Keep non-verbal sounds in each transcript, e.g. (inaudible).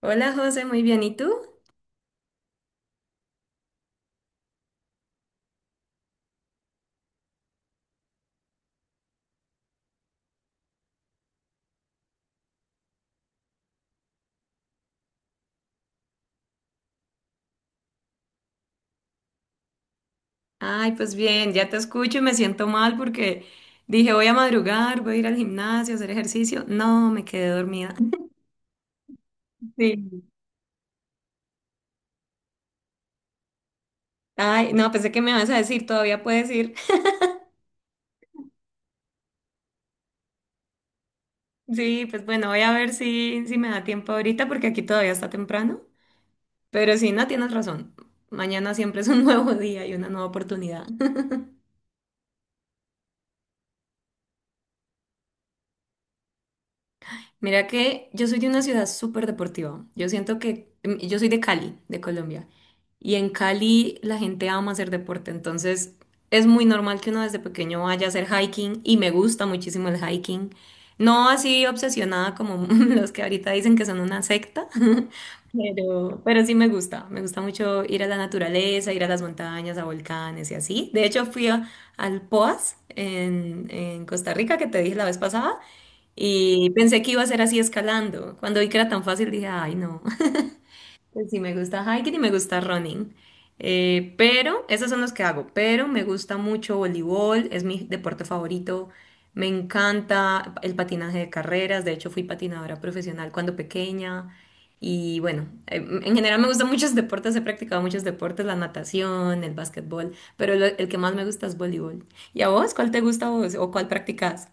Hola José, muy bien. ¿Y tú? Ay, pues bien, ya te escucho y me siento mal porque dije voy a madrugar, voy a ir al gimnasio, a hacer ejercicio. No, me quedé dormida. (laughs) Sí. Ay, no, pensé que me vas a decir, todavía puedes ir. (laughs) Sí, pues bueno, voy a ver si me da tiempo ahorita porque aquí todavía está temprano. Pero sí, no, tienes razón. Mañana siempre es un (laughs) nuevo día y una nueva oportunidad. Mira que yo soy de una ciudad súper deportiva. Yo siento que yo soy de Cali, de Colombia. Y en Cali la gente ama hacer deporte, entonces es muy normal que uno desde pequeño vaya a hacer hiking y me gusta muchísimo el hiking. No así obsesionada como (laughs) los que ahorita dicen que son una secta, (laughs) pero sí me gusta. Me gusta mucho ir a la naturaleza, ir a las montañas, a volcanes y así. De hecho al Poas en Costa Rica que te dije la vez pasada. Y pensé que iba a ser así escalando. Cuando vi que era tan fácil dije, ay, no, (laughs) pues sí me gusta hiking y me gusta running. Pero esos son los que hago. Pero me gusta mucho voleibol, es mi deporte favorito. Me encanta el patinaje de carreras. De hecho, fui patinadora profesional cuando pequeña. Y bueno, en general me gustan (laughs) muchos deportes, he practicado muchos deportes, la natación, el básquetbol, el que más me gusta es voleibol. ¿Y a vos? ¿Cuál te gusta a vos o cuál practicas?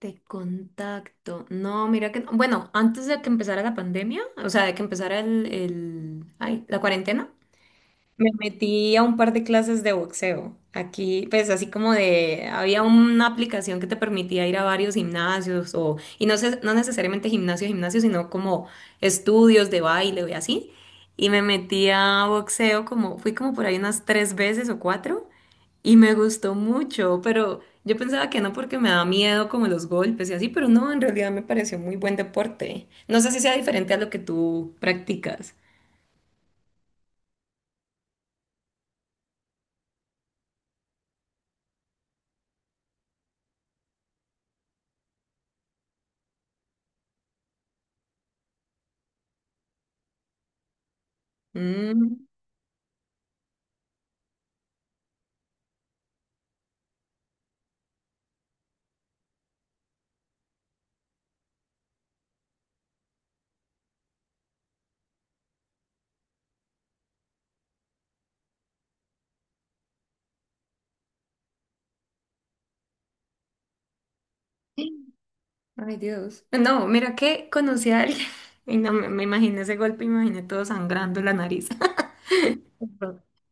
De contacto. No, mira que no. Bueno, antes de que empezara la pandemia, o sea, de que empezara la cuarentena, me metí a un par de clases de boxeo. Aquí, pues así como de, había una aplicación que te permitía ir a varios gimnasios o, y no, sé, no necesariamente gimnasio, gimnasio, sino como estudios de baile y así. Y me metí a boxeo como, fui como por ahí unas tres veces o cuatro y me gustó mucho, pero yo pensaba que no porque me da miedo como los golpes y así, pero no, en realidad me pareció muy buen deporte. No sé si sea diferente a lo que tú practicas. Mm. Ay, Dios. No, mira que conocí a alguien (laughs) y no me imaginé ese golpe, me imaginé todo sangrando la nariz. (laughs)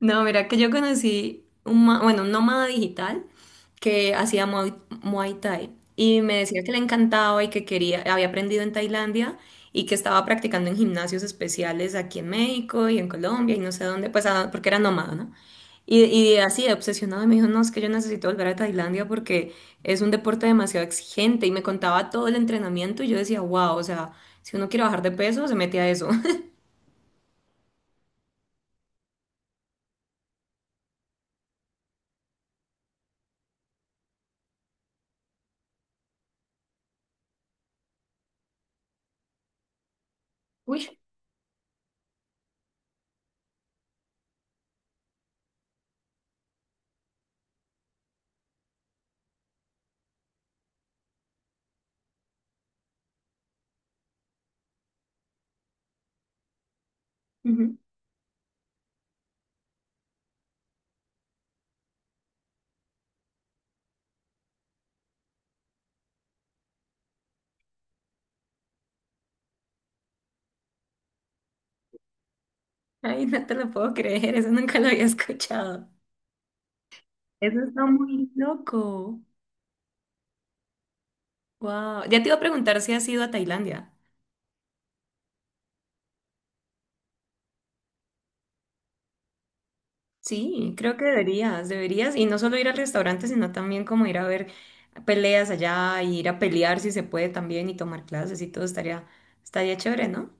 No, mira que yo conocí bueno, un nómada digital que hacía Muay Thai y me decía que le encantaba y que quería, había aprendido en Tailandia y que estaba practicando en gimnasios especiales aquí en México y en Colombia y no sé dónde, pues ah, porque era nómada, ¿no? Y así, de obsesionado, me dijo, no, es que yo necesito volver a Tailandia porque es un deporte demasiado exigente. Y me contaba todo el entrenamiento y yo decía, wow, o sea, si uno quiere bajar de peso, se mete a eso. (laughs) Uy. Ujú. Ay, no te lo puedo creer, eso nunca lo había escuchado. Eso está muy loco. Wow. Ya te iba a preguntar si has ido a Tailandia. Sí, creo que deberías, deberías. Y no solo ir al restaurante, sino también como ir a ver peleas allá, y ir a pelear si se puede también y tomar clases y todo estaría, estaría chévere, ¿no?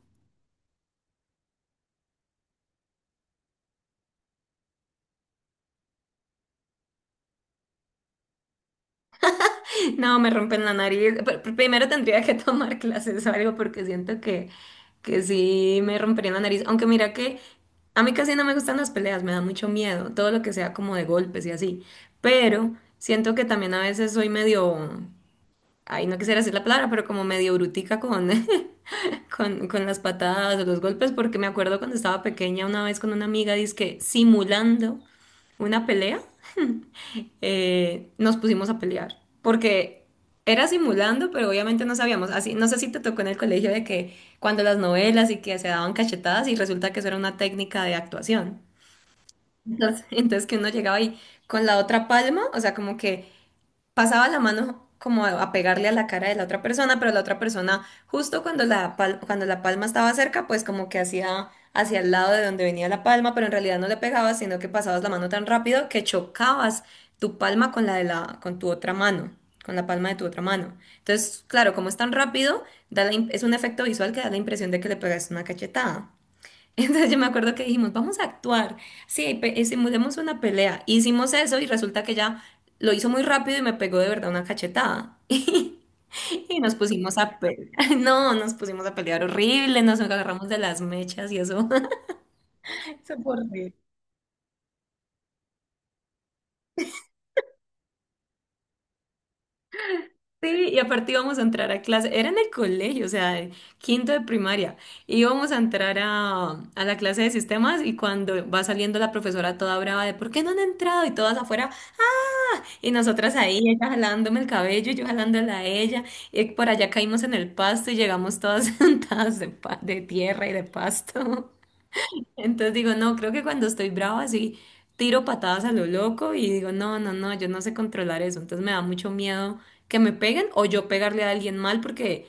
No, me rompen la nariz. Primero tendría que tomar (laughs) clases o algo porque siento que sí me rompería la nariz. Aunque mira que a mí casi no me gustan las peleas, me da mucho miedo, todo lo que sea como de golpes y así. Pero siento que también a veces soy medio, ay, no quisiera decir la palabra, pero como medio brutica (laughs) con las patadas o los golpes, porque me acuerdo cuando estaba pequeña una vez con una amiga, dizque simulando una pelea nos pusimos a pelear. Porque era simulando, pero obviamente no sabíamos. Así, no sé si te tocó en el colegio de que cuando las novelas y que se daban cachetadas y resulta que eso era una técnica de actuación. Entonces, (laughs) entonces que uno llegaba ahí con la otra palma, o sea, como que pasaba la mano como a pegarle a la cara de la otra persona, pero la otra persona, justo cuando cuando la palma estaba cerca, pues como que hacía hacia el lado de donde venía la palma, pero en realidad no le pegabas, sino que pasabas la mano tan rápido que chocabas tu palma con tu otra mano, con la palma de tu otra mano. Entonces, claro, como es tan rápido, da es un efecto visual que da la impresión de que le pegaste una cachetada. Entonces yo me acuerdo que dijimos, vamos a actuar. Sí, hicimos demos una pelea. Hicimos eso y resulta que ya lo hizo muy rápido y me pegó de verdad una cachetada. (laughs) Y nos pusimos a pelear. (laughs) No, nos pusimos a pelear horrible, nos agarramos de las mechas y eso. (laughs) Eso fue horrible. Sí, y aparte íbamos a entrar a clase, era en el colegio, o sea, en quinto de primaria, íbamos a entrar a la clase de sistemas y cuando va saliendo la profesora toda brava de ¿por qué no han entrado? Y todas afuera, ¡ah! Y nosotras ahí, ella jalándome el cabello y yo jalándola a ella, y por allá caímos en el pasto y llegamos todas (laughs) sentadas de tierra y de pasto. Entonces digo, no, creo que cuando estoy brava sí tiro patadas a lo loco y digo, no, no, no, yo no sé controlar eso. Entonces me da mucho miedo que me peguen o yo pegarle a alguien mal porque,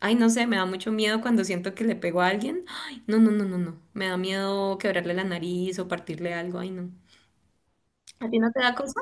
ay, no sé, me da mucho miedo cuando siento que le pego a alguien. Ay, no, no, no, no, no. Me da miedo quebrarle la nariz o partirle algo. Ay, no. ¿A ti no te da cosa?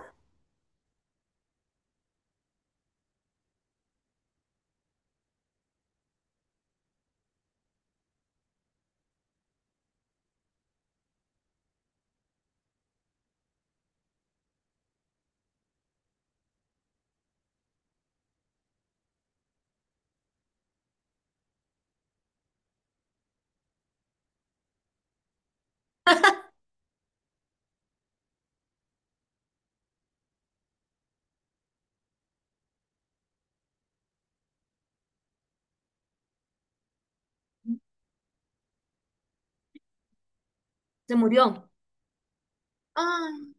Se murió. Ay.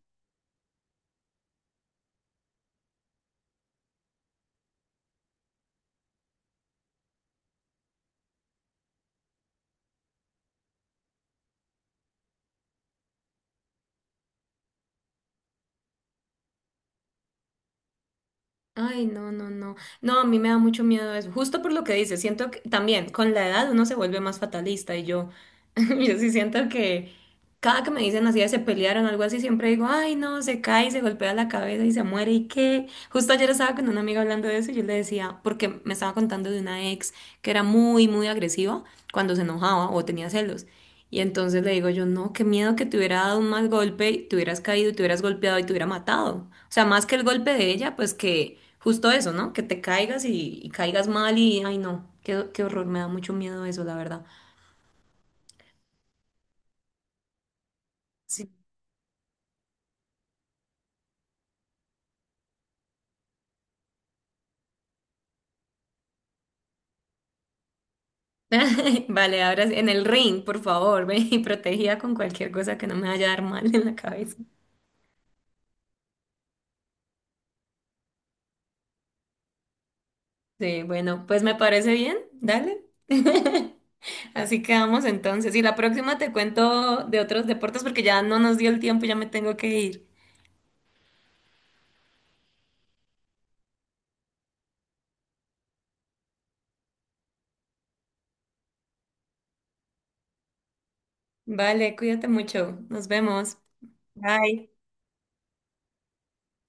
Ay, no, no, no. No, a mí me da mucho miedo eso. Justo por lo que dices, siento que también con la edad uno se vuelve más fatalista y yo, (laughs) yo sí siento que cada que me dicen así de se pelearon o algo así, siempre digo, ay, no, se cae, y se golpea la cabeza y se muere y qué. Justo ayer estaba con una amiga hablando de eso y yo le decía, porque me estaba contando de una ex que era muy, muy agresiva cuando se enojaba o tenía celos. Y entonces le digo yo, no, qué miedo que te hubiera dado un mal golpe, y te hubieras caído y te hubieras golpeado y te hubiera matado. O sea, más que el golpe de ella, pues que justo eso, ¿no? Que te caigas y caigas mal y, ay no, qué, qué horror, me da mucho miedo eso, la verdad. Sí. (laughs) Vale, ahora sí, en el ring, por favor, ven y protegida con cualquier cosa que no me vaya a dar mal en la cabeza. Sí, bueno, pues me parece bien, dale. (laughs) Así quedamos entonces. Y la próxima te cuento de otros deportes porque ya no nos dio el tiempo, ya me tengo que ir. Vale, cuídate mucho. Nos vemos. Bye.